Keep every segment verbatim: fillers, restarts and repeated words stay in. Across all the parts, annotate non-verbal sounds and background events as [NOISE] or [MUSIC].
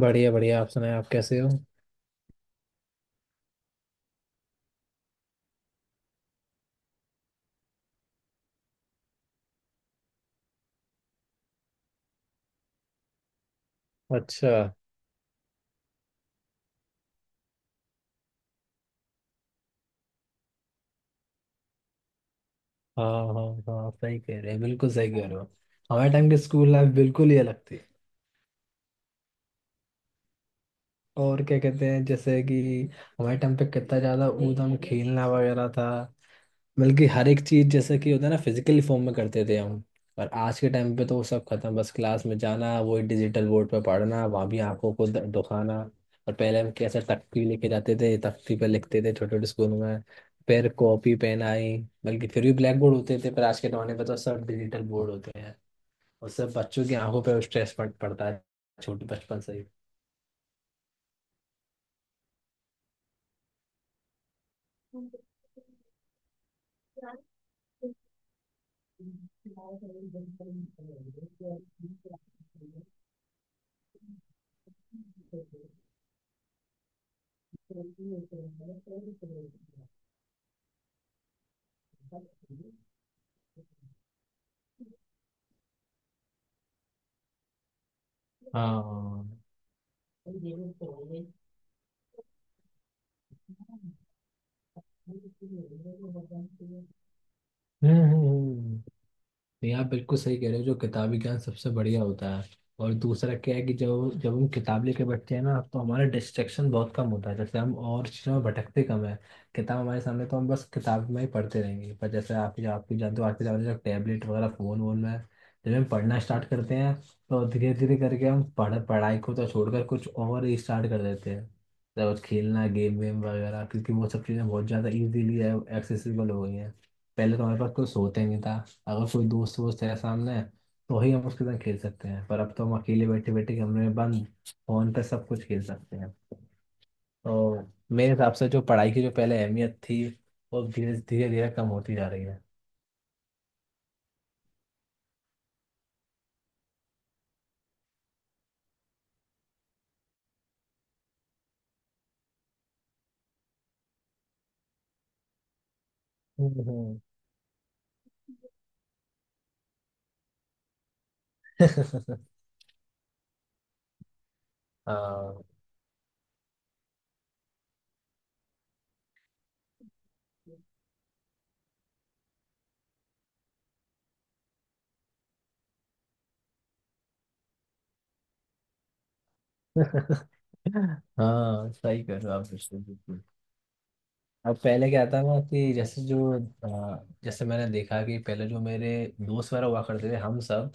बढ़िया बढ़िया। आप सुनाए, आप कैसे हो? अच्छा। हाँ हाँ, हाँ आप सही कह रहे हैं, बिल्कुल सही कह रहे हो। हमारे टाइम की स्कूल लाइफ बिल्कुल ही अलग थी। और क्या कहते हैं जैसे कि हमारे टाइम पे कितना ज्यादा ऊधम खेलना वगैरह था। बल्कि हर एक चीज जैसे कि होता है ना फिजिकली फॉर्म में करते थे हम। और आज के टाइम पे तो वो सब खत्म, बस क्लास में जाना, वही डिजिटल बोर्ड पे पढ़ना, वहां भी आंखों को द- दुखाना। और पहले हम कैसे तख्ती लेके जाते थे, तख्ती पे लिखते थे छोटे छोटे स्कूल में। फिर कॉपी पेन आई। बल्कि फिर भी ब्लैक बोर्ड होते थे, पर आज के जमाने पे तो सब डिजिटल बोर्ड होते हैं। उससे बच्चों की आंखों पर स्ट्रेस पड़ पड़ता है छोटे बचपन से ही। हाँ। हम्म। हम्म हम्म। नहीं, आप बिल्कुल सही कह रहे हो, जो किताबी ज्ञान सबसे बढ़िया होता है। और दूसरा क्या है कि जब जब हम किताब लेके बैठते हैं ना तो हमारा डिस्ट्रैक्शन बहुत कम होता है, जैसे हम और चीज़ों में भटकते कम है। किताब हमारे सामने तो हम बस किताब में ही पढ़ते रहेंगे, पर जैसे आप आप भी जानते हो आज के ज़माने में टैबलेट वगैरह फ़ोन वोन में जब हम पढ़ना स्टार्ट करते हैं, तो धीरे धीरे करके हम पढ़ पढ़ाई को तो छोड़कर कुछ और ही स्टार्ट कर देते हैं। जब खेलना गेम वेम वगैरह, क्योंकि वो सब चीज़ें बहुत ज़्यादा इजीली एक्सेसिबल हो गई हैं। पहले तो हमारे पास कुछ होता ही नहीं था। अगर कोई दोस्त वोस्त है सामने तो ही हम उसके साथ खेल सकते हैं, पर अब तो हम अकेले बैठे बैठे कमरे में बंद फोन पे सब कुछ खेल सकते हैं। तो मेरे हिसाब से जो पढ़ाई की जो पहले अहमियत थी, वो धीरे धीरे धीरे कम होती जा रही है। हम्म, [LAUGHS] हम्म। हाँ। [LAUGHS] हाँ सही कह रहे हो आप, बिल्कुल बिल्कुल। अब पहले क्या था ना कि जैसे जो अ, जैसे मैंने देखा कि पहले जो मेरे दोस्त वगैरह हुआ करते थे हम सब,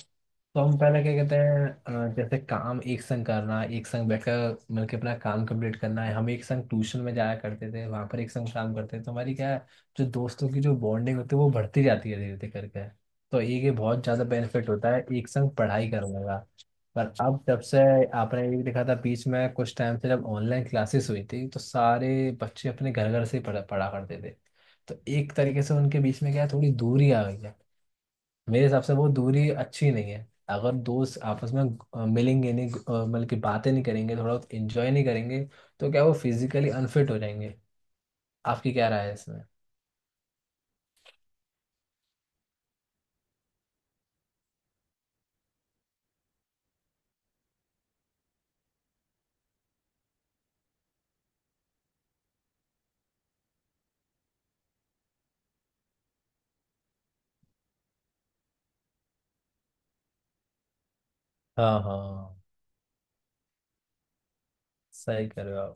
तो हम पहले क्या कहते हैं, अ, जैसे काम एक संग करना, एक संग बैठकर मिलकर अपना काम कंप्लीट करना है, हम एक संग ट्यूशन में जाया करते थे, वहां पर एक संग काम करते थे, तो हमारी क्या है जो दोस्तों की जो बॉन्डिंग होती है वो बढ़ती जाती है धीरे धीरे करके। तो एक ये बहुत ज्यादा बेनिफिट होता है एक संग पढ़ाई करने का। पर अब जब से आपने ये भी देखा था बीच में, कुछ टाइम से जब ऑनलाइन क्लासेस हुई थी तो सारे बच्चे अपने घर घर से पढ़ा पढ़ा करते थे। तो एक तरीके से उनके बीच में क्या है, थोड़ी दूरी आ गई है। मेरे हिसाब से वो दूरी अच्छी नहीं है। अगर दोस्त आपस में अ, मिलेंगे नहीं, अ, मतलब कि बातें नहीं करेंगे, थोड़ा एंजॉय नहीं करेंगे, तो क्या वो फिजिकली अनफिट हो जाएंगे? आपकी क्या राय है इसमें? हाँ हाँ, सही कर रहे हो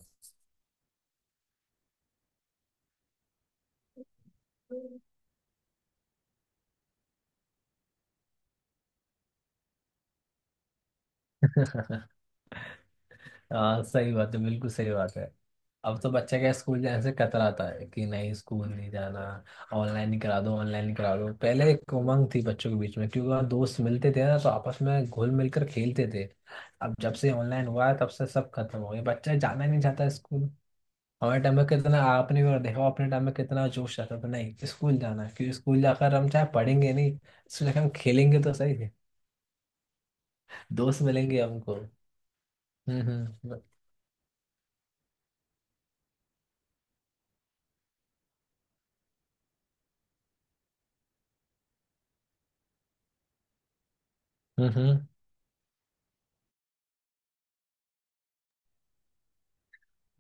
आप। [LAUGHS] हाँ सही बात है, बिल्कुल सही बात है। अब तो बच्चा क्या स्कूल जाने से कतराता है कि नहीं स्कूल नहीं जाना, ऑनलाइन ही करा दो ऑनलाइन ही करा दो। पहले एक उमंग थी बच्चों के बीच में, क्योंकि वहाँ दोस्त मिलते थे ना, तो आपस में घुल मिलकर खेलते थे। अब जब से ऑनलाइन हुआ है तब से सब खत्म हो गया, बच्चा जाना ही नहीं चाहता स्कूल। हमारे टाइम में कितना आपने भी देखा हो, अपने टाइम में कितना जोश रहता था नहीं स्कूल जाना है, क्योंकि स्कूल जाकर हम चाहे पढ़ेंगे नहीं, स्कूल जाकर हम खेलेंगे तो सही है, दोस्त मिलेंगे हमको। हम्म हम्म हम्म हम्म।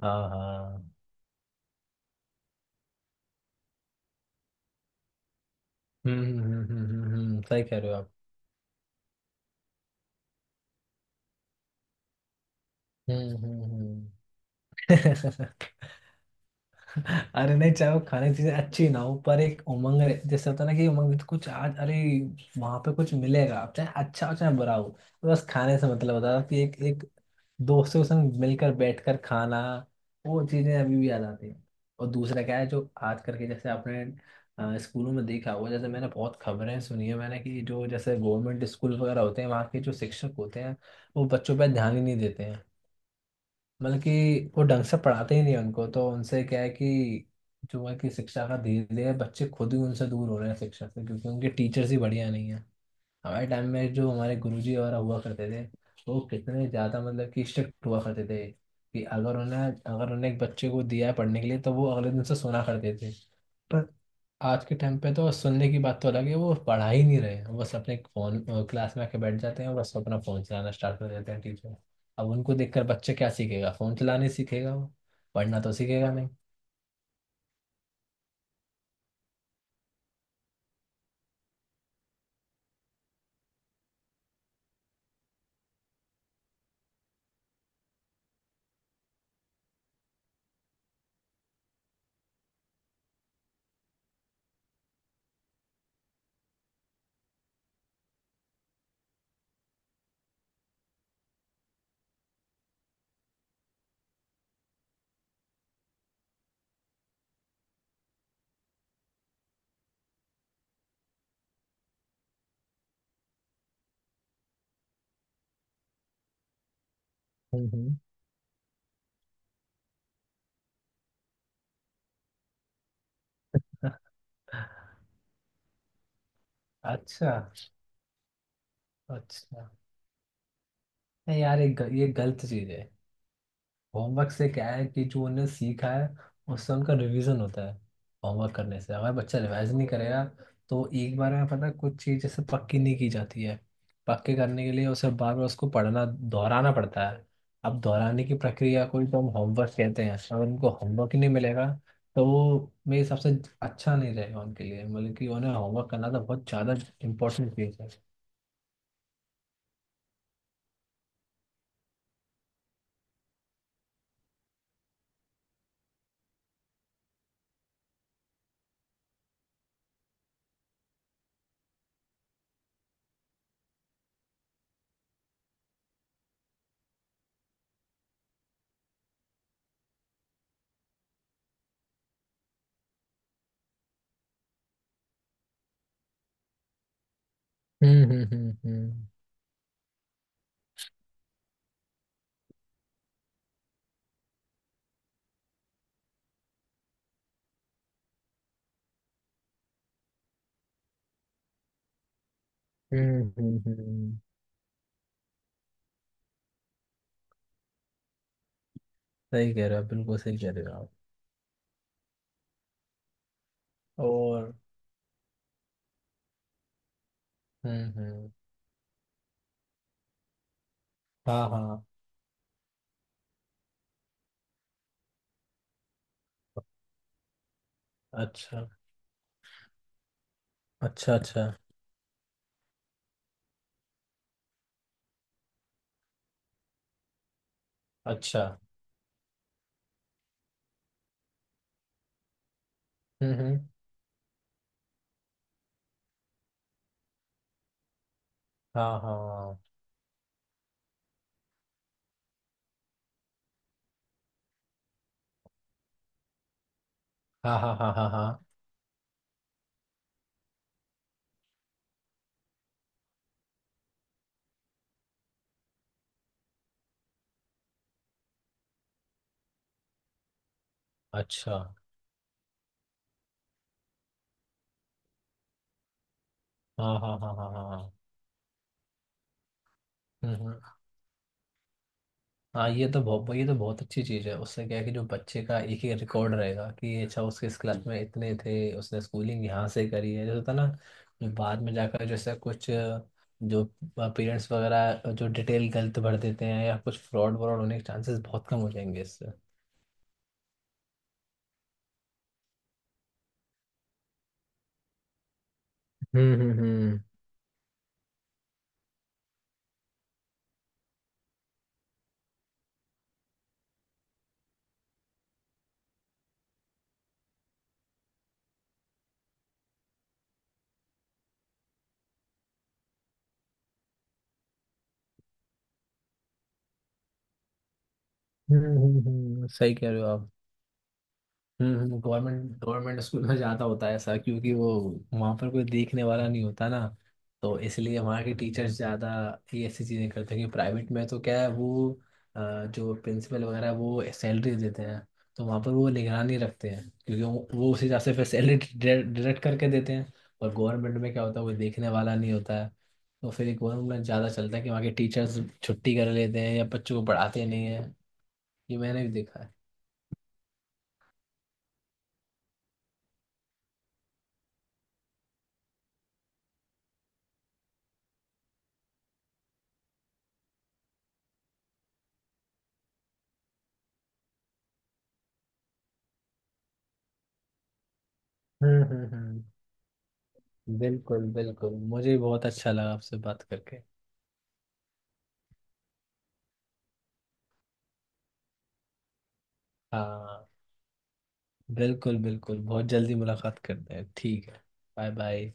हाँ हाँ। हम्म हम्म हम्म हम्म, हम्म, सही कह रहे हो आप। हम्म हम्म हम्म। [LAUGHS] अरे नहीं, चाहे वो खाने की चीजें अच्छी ना हो, पर एक उमंग रह- जैसे होता है ना कि उमंग में तो कुछ आज, अरे वहां पे कुछ मिलेगा चाहे अच्छा हो चाहे बुरा हो, बस खाने से मतलब होता है कि एक एक दोस्तों के संग मिलकर बैठकर खाना। वो चीजें अभी भी याद आती हैं। और दूसरा क्या है, जो आज करके जैसे आपने अ, स्कूलों में देखा होगा, जैसे मैंने बहुत खबरें सुनी है मैंने कि जो जैसे गवर्नमेंट स्कूल वगैरह होते हैं वहाँ के जो शिक्षक होते हैं, वो बच्चों पर ध्यान ही नहीं देते हैं। मतलब कि वो ढंग से पढ़ाते ही नहीं हैं उनको, तो उनसे क्या है कि जो है कि शिक्षा का धीरे धीरे बच्चे खुद ही उनसे दूर हो रहे हैं शिक्षा से, क्योंकि उनके टीचर्स ही बढ़िया नहीं है। हमारे टाइम में जो हमारे गुरुजी वगैरह हुआ करते थे, वो कितने ज़्यादा मतलब कि स्ट्रिक्ट हुआ करते थे कि अगर उन्हें अगर उन्हें एक बच्चे को दिया है पढ़ने के लिए तो वो अगले दिन से सुना करते थे। आज के टाइम पे तो सुनने की बात तो अलग है, वो पढ़ा ही नहीं रहे हैं, बस अपने फोन, क्लास में आके बैठ जाते हैं और बस अपना फोन चलाना स्टार्ट कर देते हैं टीचर। अब उनको देखकर बच्चे क्या सीखेगा, फोन चलाने सीखेगा वो, पढ़ना तो सीखेगा नहीं। हम्म हम्म। [LAUGHS] अच्छा। अच्छा, नहीं यार, ये ग- ये गलत चीज है। होमवर्क से क्या है कि जो उन्हें सीखा है, उससे उनका रिवीजन होता है। होमवर्क करने से, अगर बच्चा रिवाइज नहीं करेगा तो एक बार में पता है, कुछ चीज़ जैसे पक्की नहीं की जाती है, पक्के करने के लिए उसे बार बार उसको पढ़ना दोहराना पड़ता है। अब दोहराने की प्रक्रिया को ही तो हम होमवर्क कहते हैं, अगर उनको होमवर्क ही नहीं मिलेगा तो वो मेरे हिसाब से अच्छा नहीं रहेगा उनके लिए, मतलब कि उन्हें होमवर्क करना तो बहुत ज़्यादा इंपॉर्टेंट चीज़ है। हम्म हम्म हम्म हम्म हम्म हम्म, हम्म। सही कह रहे हो, बिल्कुल सही कह रहे हो आप। और। हम्म हम्म। हाँ हाँ। अच्छा। अच्छा। अच्छा। अच्छा। हम्म हम्म। हाँ हाँ हाँ हाँ हाँ। हाँ हाँ। अच्छा। हाँ हाँ हाँ हाँ हाँ हाँ, हम्म हम्म। हाँ ये तो बहुत, ये तो बहुत अच्छी चीज़ है। उससे क्या है कि जो बच्चे का एक ही रिकॉर्ड रहेगा कि अच्छा उसके इस क्लास में इतने थे, उसने स्कूलिंग यहाँ से करी है, जैसे होता ना, जो बाद में जाकर जैसे कुछ जो पेरेंट्स वगैरह जो डिटेल गलत भर देते हैं या कुछ फ्रॉड व्रॉड होने के चांसेस बहुत कम हो जाएंगे इससे। हम्म हम्म हम्म हम्म हम्म, हम्म, सही कह रहे हो आप। हम्म। गवर्नमेंट गवर्नमेंट स्कूल में ज़्यादा होता है ऐसा, क्योंकि वो वहाँ पर कोई देखने वाला नहीं होता ना, तो इसलिए वहाँ के टीचर्स ज़्यादा ये ऐसी चीज़ें करते हैं। कि प्राइवेट में तो क्या है वो अ, जो प्रिंसिपल वगैरह है, वो सैलरी देते हैं, तो वहाँ पर वो निगरानी रखते हैं, क्योंकि वो वो उस हिसाब से फिर सैलरी डिडक्ट करके देते हैं। और गवर्नमेंट में क्या होता है, कोई देखने वाला नहीं होता है, तो फिर गवर्नमेंट में ज़्यादा चलता है कि वहाँ के टीचर्स छुट्टी कर लेते हैं या बच्चों को पढ़ाते नहीं हैं। ये मैंने भी देखा है। हम्म हम्म हम्म, बिल्कुल बिल्कुल, मुझे भी बहुत अच्छा लगा आपसे बात करके। हाँ, बिल्कुल बिल्कुल, बहुत जल्दी मुलाकात करते हैं, ठीक है? Bye bye.